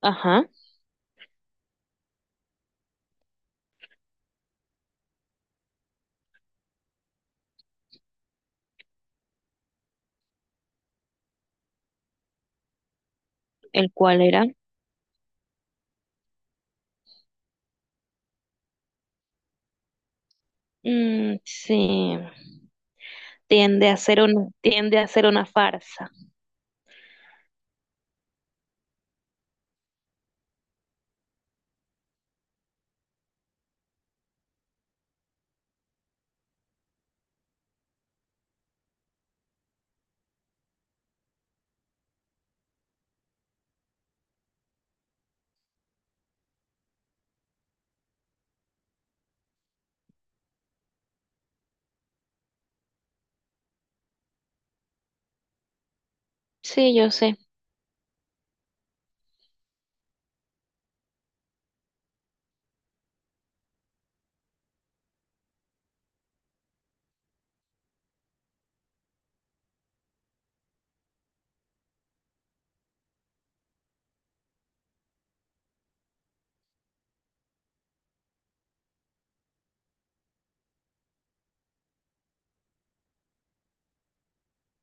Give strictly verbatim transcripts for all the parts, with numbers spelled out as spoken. Ajá, el cual era, mm, sí, tiende a ser una, tiende a ser una farsa. Sí, yo sé,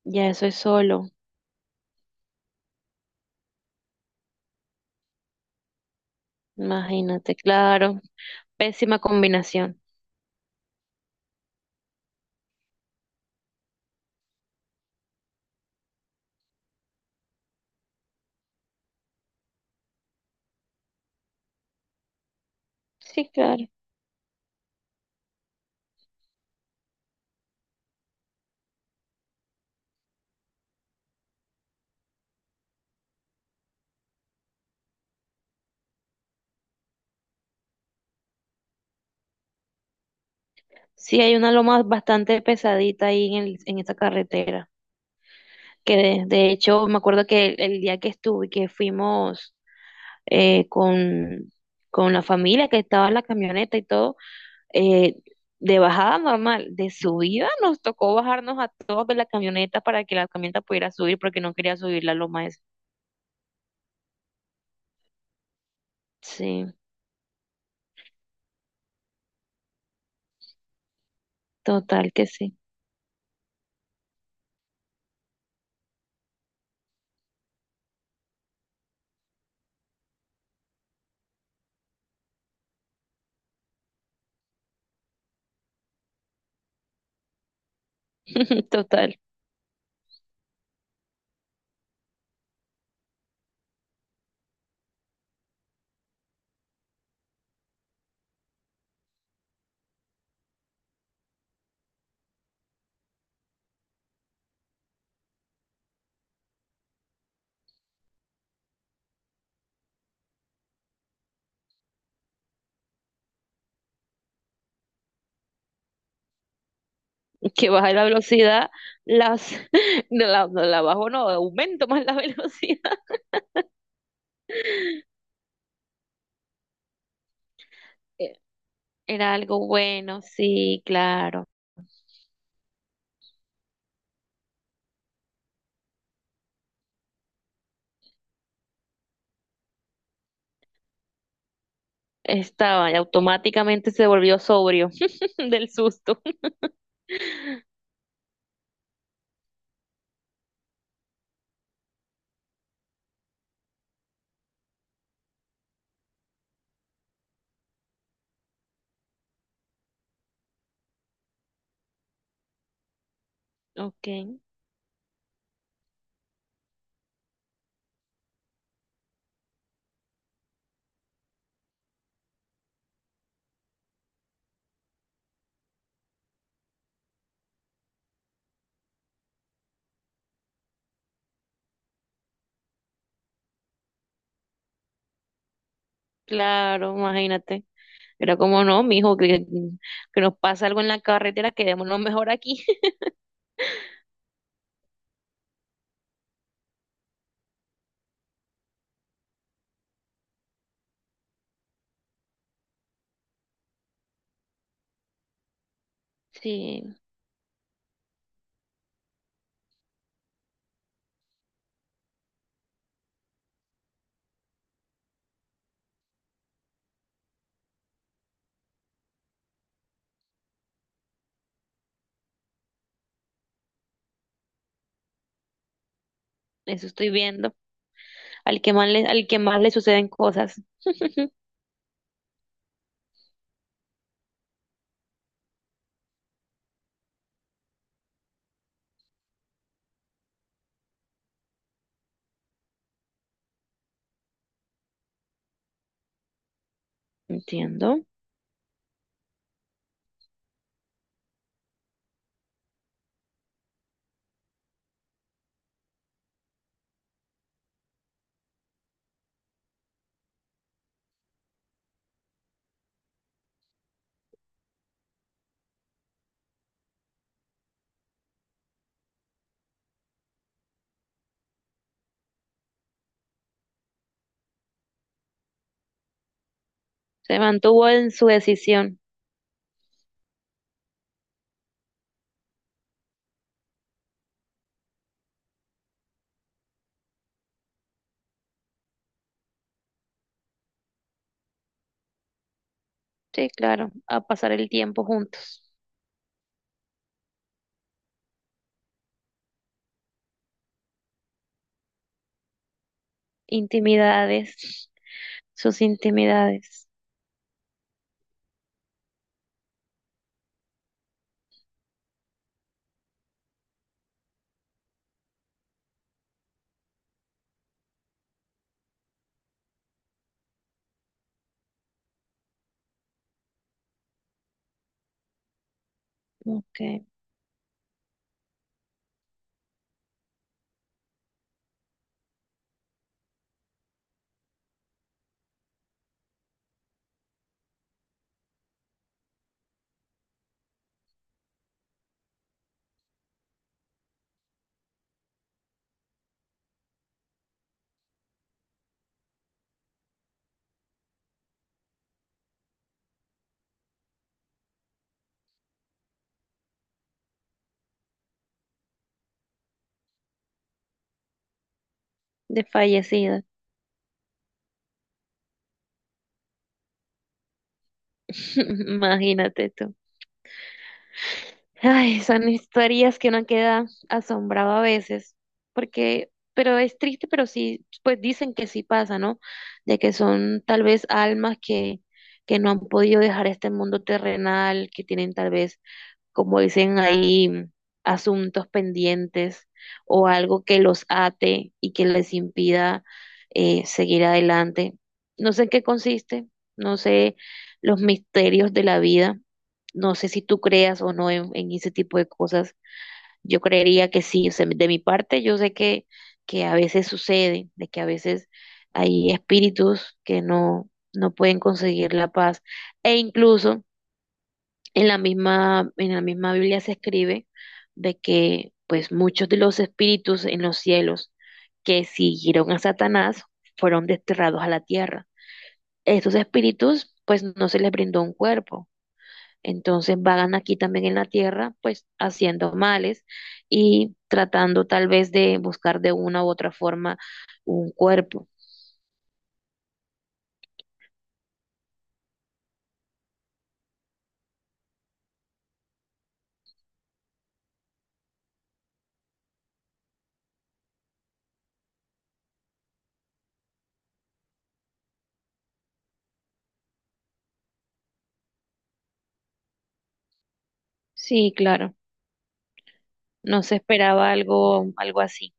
ya eso es solo, imagínate, claro, pésima combinación. Sí, claro. Sí, hay una loma bastante pesadita ahí en, el- en esa carretera, que de, de hecho me acuerdo que el, el día que estuve, que fuimos eh, con, con la familia, que estaba en la camioneta y todo, eh, de bajada normal, de subida nos tocó bajarnos a todos de la camioneta para que la camioneta pudiera subir porque no quería subir la loma esa. Sí, total que sí, total. Que baja la velocidad, las, no la, no la bajo, no, aumento más la velocidad. Eh, Era algo bueno, sí, claro. Estaba y automáticamente se volvió sobrio del susto. Ok, claro, imagínate. Pero como no, mijo, que, que nos pasa algo en la carretera, quedémonos mejor aquí. Sí, eso estoy viendo. Al que más le, al que más le suceden cosas. Entiendo. Se mantuvo en su decisión. Sí, claro, a pasar el tiempo juntos. Intimidades, sus intimidades. Ok, desfallecida. Imagínate tú. Ay, son historias que uno queda asombrado a veces, porque, pero es triste, pero sí, pues dicen que sí pasa, ¿no? De que son tal vez almas que, que no han podido dejar este mundo terrenal, que tienen tal vez como dicen ahí, asuntos pendientes o algo que los ate y que les impida eh, seguir adelante. No sé en qué consiste, no sé los misterios de la vida, no sé si tú creas o no en, en ese tipo de cosas. Yo creería que sí, o sea, de mi parte yo sé que, que a veces sucede, de que a veces hay espíritus que no, no pueden conseguir la paz e incluso en la misma, en la misma Biblia se escribe de que pues muchos de los espíritus en los cielos que siguieron a Satanás fueron desterrados a la tierra. Estos espíritus pues no se les brindó un cuerpo. Entonces vagan aquí también en la tierra pues haciendo males y tratando tal vez de buscar de una u otra forma un cuerpo. Sí, claro. No se esperaba algo, algo así.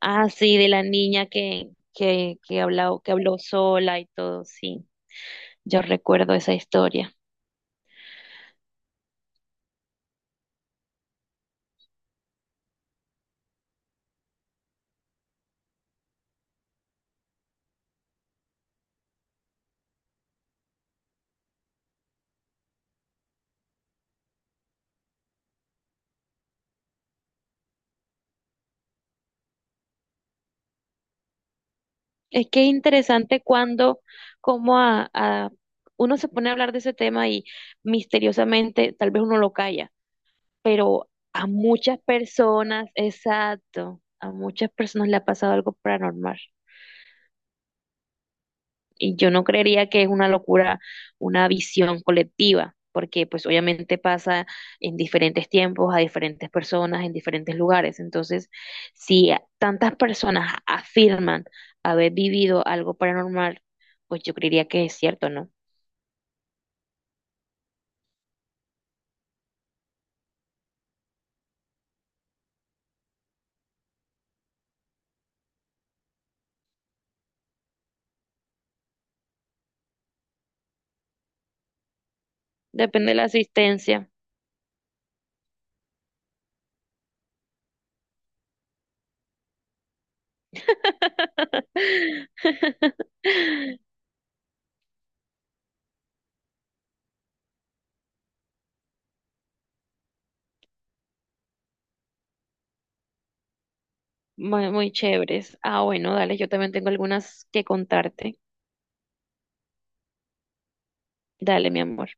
Ah, sí, de la niña que, que, que habló, que habló sola y todo, sí. Yo recuerdo esa historia. Es que es interesante cuando, como a, a- uno se pone a hablar de ese tema y misteriosamente, tal vez uno lo calla, pero a muchas personas, exacto, a muchas personas le ha pasado algo paranormal. Y yo no creería que es una locura, una visión colectiva, porque pues obviamente pasa en diferentes tiempos, a diferentes personas, en diferentes lugares. Entonces, si a- tantas personas afirman haber vivido algo paranormal, pues yo creería que es cierto, ¿no? Depende de la asistencia. Muy, muy chéveres. Ah, bueno, dale, yo también tengo algunas que contarte. Dale, mi amor.